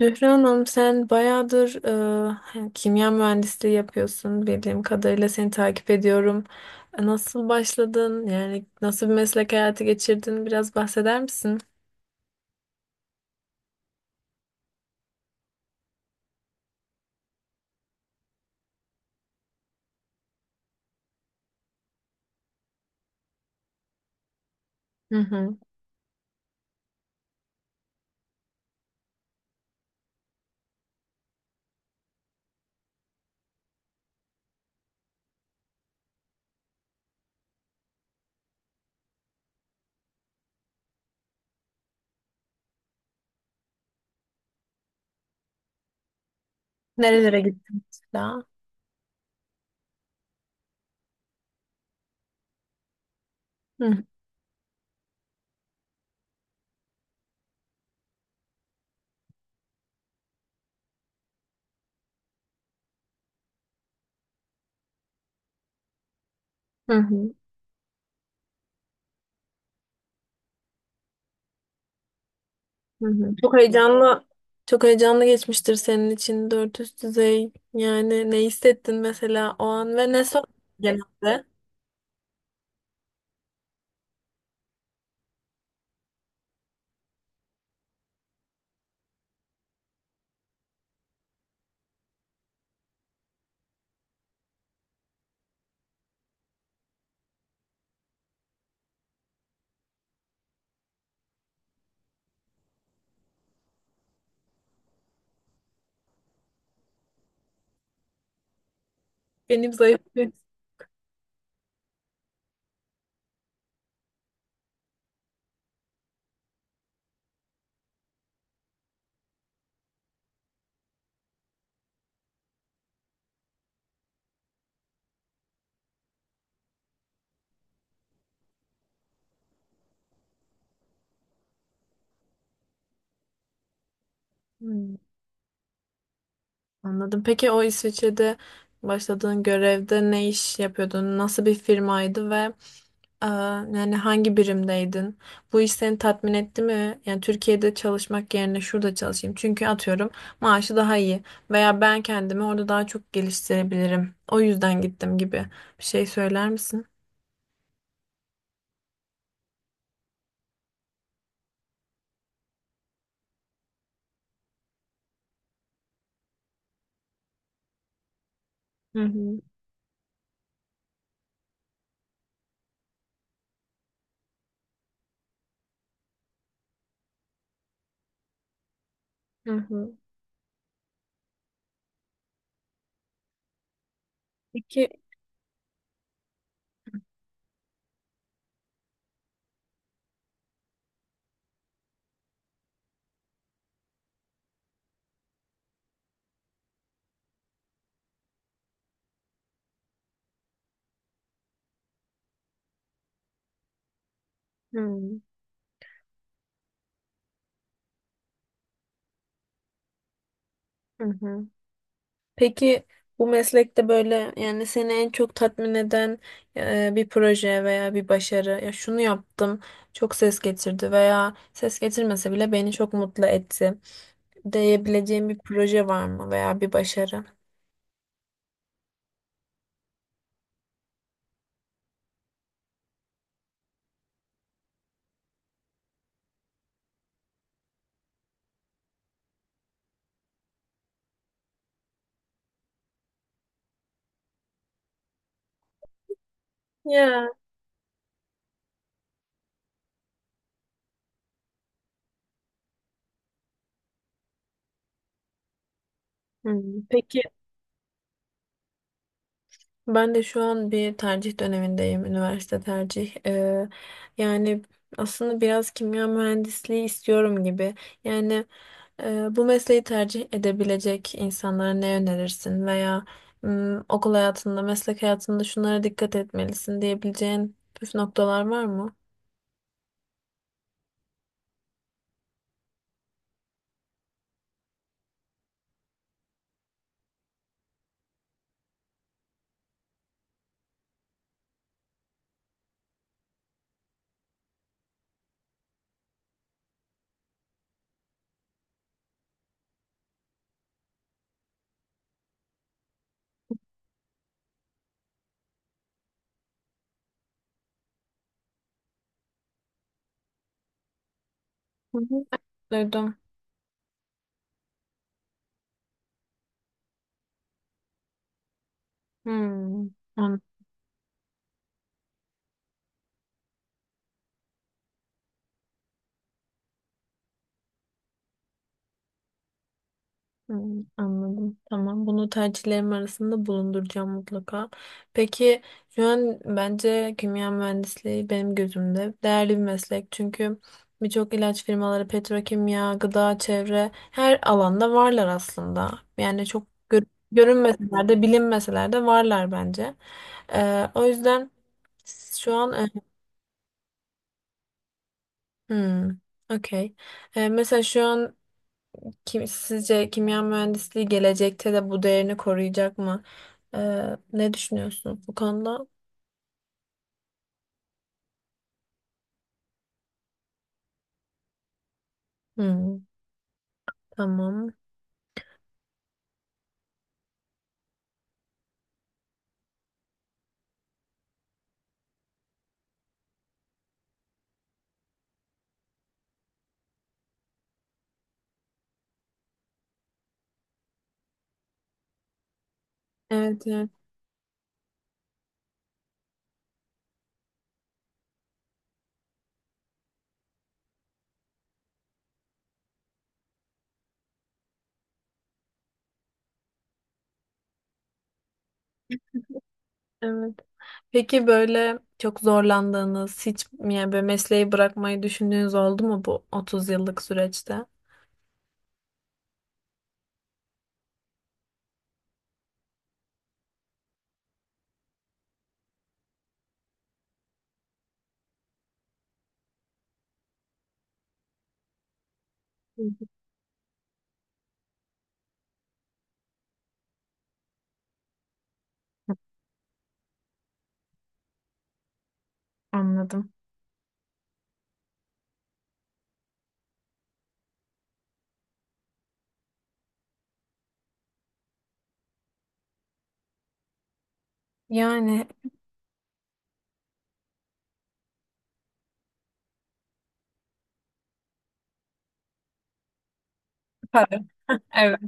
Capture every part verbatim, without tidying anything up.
Zühre Hanım, sen bayağıdır e, kimya mühendisliği yapıyorsun, bildiğim kadarıyla seni takip ediyorum. E, Nasıl başladın? Yani nasıl bir meslek hayatı geçirdin? Biraz bahseder misin? Hı hı. Nerelere gittin mesela? Hı hı hı. Hı. Çok heyecanlı, çok heyecanlı geçmiştir senin için, dört üst düzey. Yani ne hissettin mesela o an ve ne sor genelde? Benim zayıf bir... Hı. Anladım. Peki, o İsviçre'de başladığın görevde ne iş yapıyordun? Nasıl bir firmaydı ve e, yani hangi birimdeydin? Bu iş seni tatmin etti mi? Yani Türkiye'de çalışmak yerine şurada çalışayım, çünkü atıyorum maaşı daha iyi veya ben kendimi orada daha çok geliştirebilirim, o yüzden gittim gibi bir şey söyler misin? Hı hı. Hı hı. Peki, hı. Hı. Hı. Peki bu meslekte böyle, yani seni en çok tatmin eden e, bir proje veya bir başarı, ya şunu yaptım çok ses getirdi veya ses getirmese bile beni çok mutlu etti diyebileceğim bir proje var mı veya bir başarı? Ya. Hmm. Peki, ben de şu an bir tercih dönemindeyim, üniversite tercih. Ee, yani aslında biraz kimya mühendisliği istiyorum gibi. Yani e, bu mesleği tercih edebilecek insanlara ne önerirsin veya mm, okul hayatında, meslek hayatında şunlara dikkat etmelisin diyebileceğin püf noktalar var mı? Hı hı. Duydum. Hmm. Hmm, anladım. Tamam. Bunu tercihlerim arasında bulunduracağım mutlaka. Peki, şu an bence kimya mühendisliği benim gözümde değerli bir meslek. Çünkü birçok ilaç firmaları, petrokimya, gıda, çevre, her alanda varlar aslında. Yani çok gör görünmeseler de bilinmeseler de varlar bence. Ee, o yüzden şu an e, hmm, okey. Ee, mesela şu an, Kim, sizce kimya mühendisliği gelecekte de bu değerini koruyacak mı? Ee, ne düşünüyorsunuz bu konuda? Hmm, tamam. Evet, evet. Evet. Peki, böyle çok zorlandığınız, hiç yani böyle mesleği bırakmayı düşündüğünüz oldu mu bu otuz yıllık süreçte? Anladım. Yani para. Evet.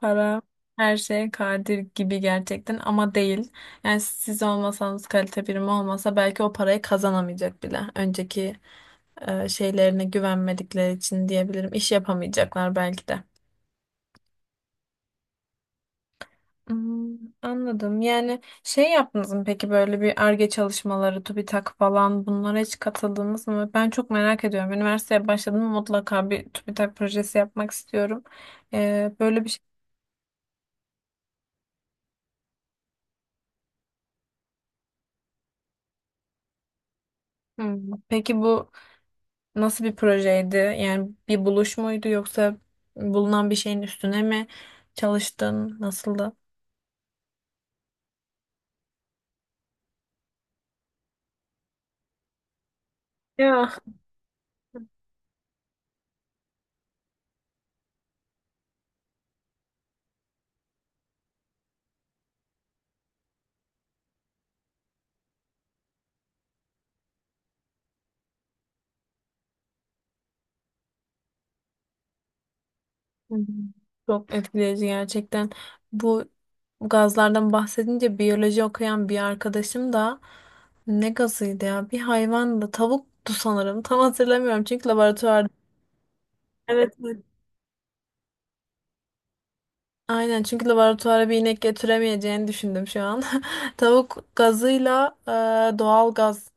Para her şeye kadir gibi gerçekten, ama değil. Yani siz olmasanız, kalite birimi olmasa belki o parayı kazanamayacak bile. Önceki e, şeylerine güvenmedikleri için diyebilirim. İş yapamayacaklar belki de. Hmm, anladım. Yani şey yaptınız mı peki, böyle bir Ar-Ge çalışmaları, TÜBİTAK falan, bunlara hiç katıldınız mı? Ben çok merak ediyorum. Üniversiteye başladım ama mutlaka bir TÜBİTAK projesi yapmak istiyorum. Ee, böyle bir şey. Hmm. Peki bu, nasıl bir projeydi? Yani bir buluş muydu yoksa bulunan bir şeyin üstüne mi çalıştın? Nasıldı? Ya. Hı hı. Çok etkileyici gerçekten. Bu gazlardan bahsedince biyoloji okuyan bir arkadaşım da, ne gazıydı ya? Bir hayvandı. Tavuktu sanırım. Tam hatırlamıyorum çünkü laboratuvarda. Evet, evet. Aynen, çünkü laboratuvara bir inek getiremeyeceğini düşündüm şu an. Tavuk gazıyla e, doğal gaz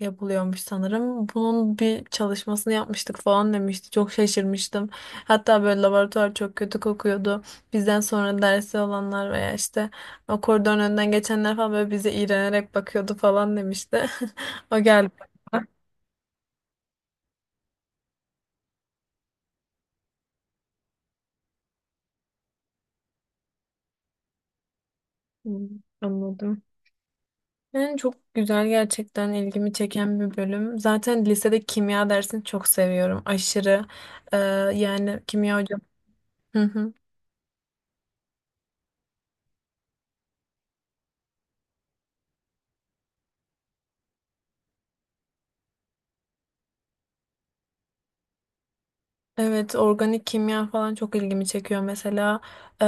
yapılıyormuş sanırım. Bunun bir çalışmasını yapmıştık falan demişti. Çok şaşırmıştım. Hatta böyle laboratuvar çok kötü kokuyordu. Bizden sonra dersi olanlar veya işte o koridorun önünden geçenler falan böyle bize iğrenerek bakıyordu falan demişti. O geldi. Hmm, anladım. Yani çok güzel, gerçekten ilgimi çeken bir bölüm. Zaten lisede kimya dersini çok seviyorum. Aşırı. Ee, Yani kimya hocam. Evet, organik kimya falan çok ilgimi çekiyor. Mesela e,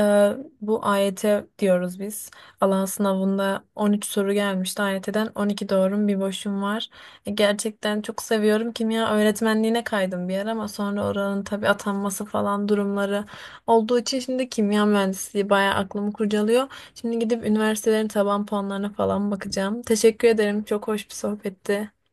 bu A Y T diyoruz biz. Alan sınavında on üç soru gelmişti. A Y T'den on iki doğrum bir boşum var. E, gerçekten çok seviyorum. Kimya öğretmenliğine kaydım bir yer ama sonra oranın tabii atanması falan durumları olduğu için şimdi kimya mühendisliği bayağı aklımı kurcalıyor. Şimdi gidip üniversitelerin taban puanlarına falan bakacağım. Teşekkür ederim. Çok hoş bir sohbetti.